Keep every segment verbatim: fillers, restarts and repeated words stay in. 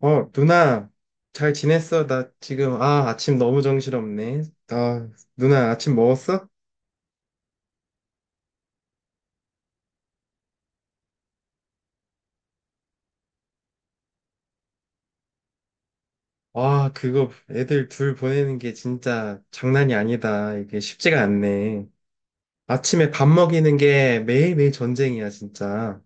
어, 누나, 잘 지냈어? 나 지금, 아, 아침 너무 정신없네. 아, 누나, 아침 먹었어? 와, 그거 애들 둘 보내는 게 진짜 장난이 아니다. 이게 쉽지가 않네. 아침에 밥 먹이는 게 매일매일 전쟁이야, 진짜.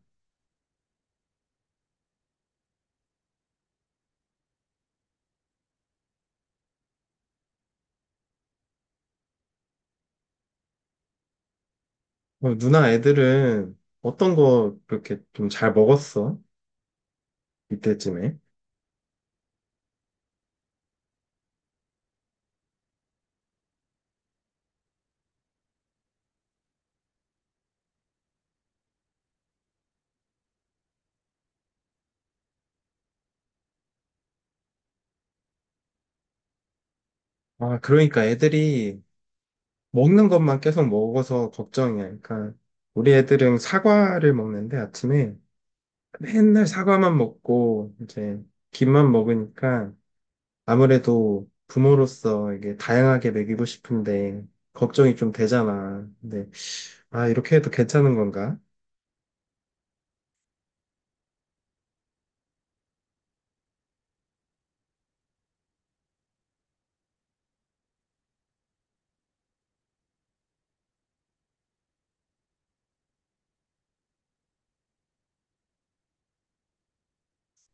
어, 누나 애들은 어떤 거 그렇게 좀 잘 먹었어? 이때쯤에? 아, 그러니까 애들이 먹는 것만 계속 먹어서 걱정이야. 그러니까 우리 애들은 사과를 먹는데 아침에 맨날 사과만 먹고 이제 김만 먹으니까 아무래도 부모로서 이게 다양하게 먹이고 싶은데 걱정이 좀 되잖아. 근데 아 이렇게 해도 괜찮은 건가?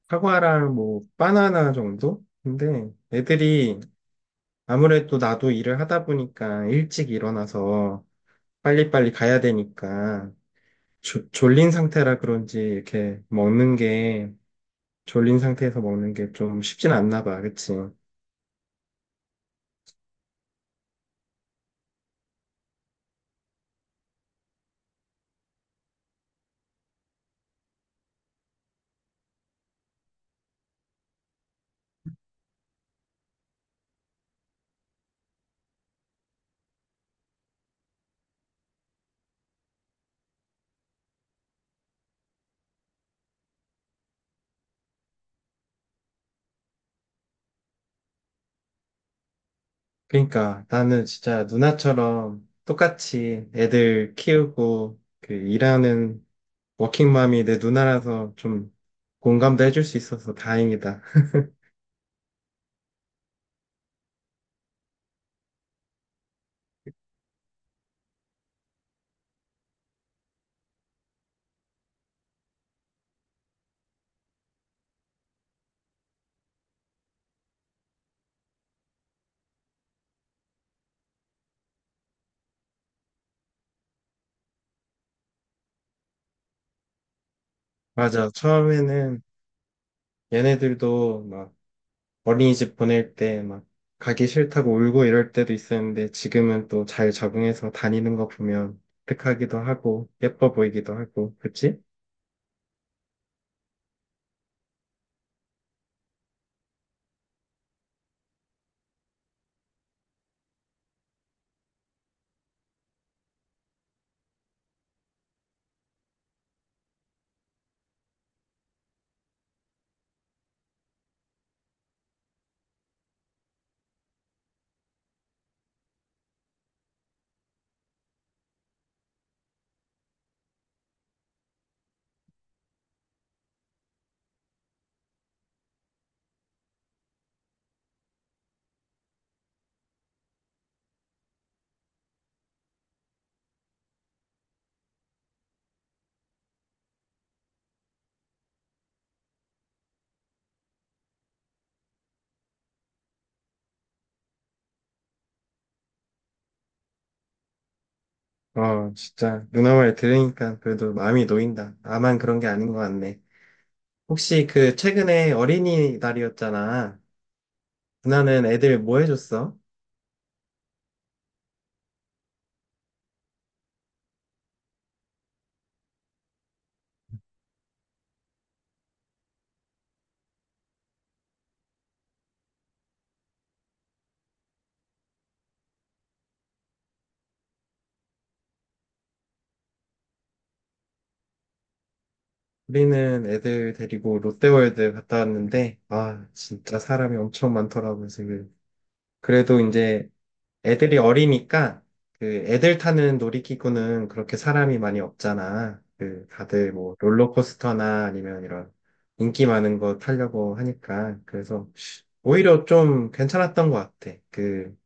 사과랑 뭐 바나나 정도? 근데 애들이 아무래도 나도 일을 하다 보니까 일찍 일어나서 빨리빨리 가야 되니까 조- 졸린 상태라 그런지 이렇게 먹는 게 졸린 상태에서 먹는 게 좀 쉽진 않나 봐. 그치? 그러니까 나는 진짜 누나처럼 똑같이 애들 키우고 그 일하는 워킹맘이 내 누나라서 좀 공감도 해줄 수 있어서 다행이다. 맞아. 처음에는 얘네들도 막 어린이집 보낼 때 막 가기 싫다고 울고 이럴 때도 있었는데 지금은 또 잘 적응해서 다니는 거 보면 뿌듯하기도 하고 예뻐 보이기도 하고 그치? 어, 진짜 누나 말 들으니까 그래도 마음이 놓인다. 나만 그런 게 아닌 것 같네. 혹시 그 최근에 어린이날이었잖아. 누나는 애들 뭐 해줬어? 우리는 애들 데리고 롯데월드 갔다 왔는데, 아, 진짜 사람이 엄청 많더라고요, 지금. 그래도 이제 애들이 어리니까, 그 애들 타는 놀이기구는 그렇게 사람이 많이 없잖아. 그 다들 뭐 롤러코스터나 아니면 이런 인기 많은 거 타려고 하니까. 그래서 오히려 좀 괜찮았던 것 같아. 그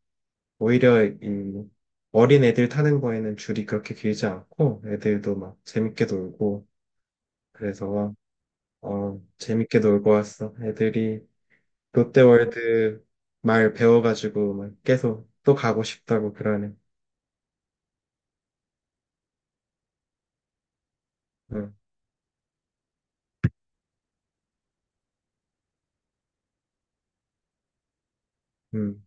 오히려 이 어린 애들 타는 거에는 줄이 그렇게 길지 않고 애들도 막 재밌게 놀고 그래서 어 재밌게 놀고 왔어. 애들이 롯데월드 말 배워가지고 막 계속 또 가고 싶다고 그러네. 응, 응.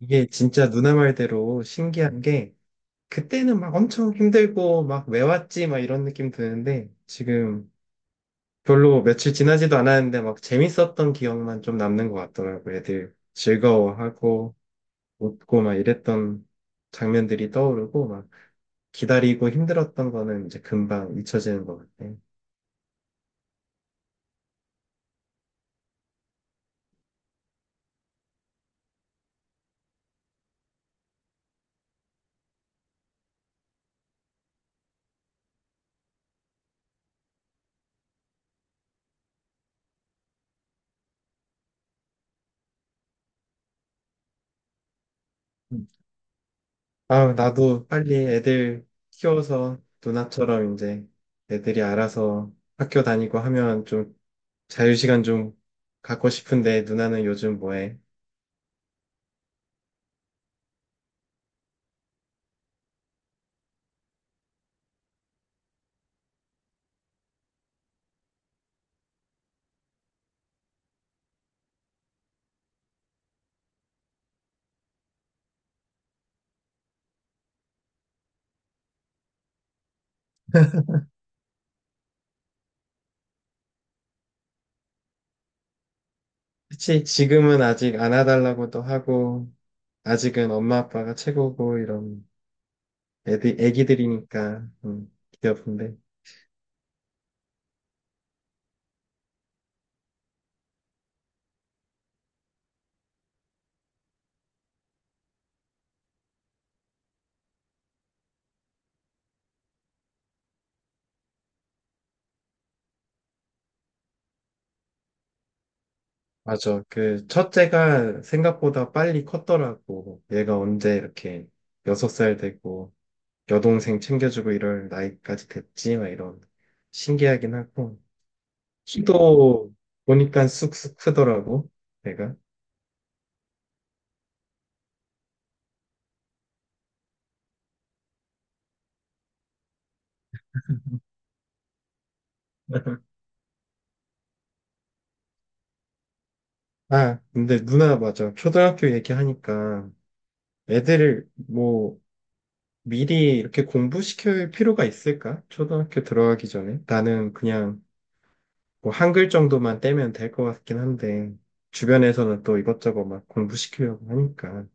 이게 진짜 누나 말대로 신기한 게 그때는 막 엄청 힘들고 막 왜 왔지 막 이런 느낌 드는데 지금 별로 며칠 지나지도 않았는데 막 재밌었던 기억만 좀 남는 것 같더라고 애들 즐거워하고 웃고 막 이랬던 장면들이 떠오르고 막 기다리고 힘들었던 거는 이제 금방 잊혀지는 것 같아. 음. 아, 나도 빨리 애들 키워서 누나처럼 이제 애들이 알아서 학교 다니고 하면 좀 자유시간 좀 갖고 싶은데 누나는 요즘 뭐해? 그치, 지금은 아직 안아달라고도 하고, 아직은 엄마 아빠가 최고고 이런 애들, 애기들이니까, 음, 귀여운데. 맞아. 그 첫째가 생각보다 빨리 컸더라고. 얘가 언제 이렇게 여섯 살 되고 여동생 챙겨주고 이럴 나이까지 됐지? 막 이런 신기하긴 하고 키도 보니까 쑥쑥 크더라고. 얘가. 아, 근데 누나 맞아. 초등학교 얘기하니까 애들을 뭐 미리 이렇게 공부시킬 필요가 있을까? 초등학교 들어가기 전에. 나는 그냥 뭐 한 글 정도만 떼면 될 것 같긴 한데, 주변에서는 또 이것저것 막 공부시키려고 하니까.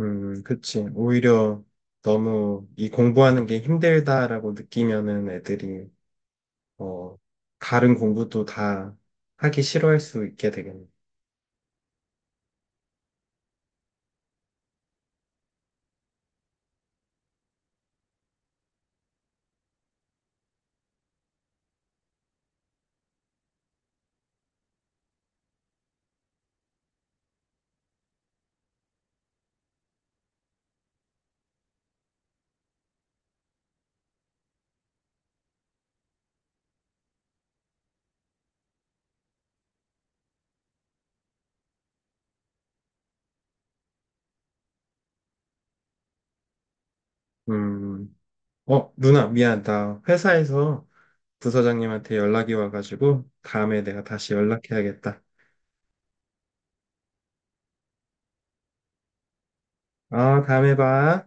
음, 그치. 오히려 너무 이 공부하는 게 힘들다라고 느끼면은 애들이, 어, 다른 공부도 다 하기 싫어할 수 있게 되겠네. 음, 어, 누나, 미안. 나 회사에서 부서장님한테 연락이 와가지고, 다음에 내가 다시 연락해야겠다. 아, 다음에 봐.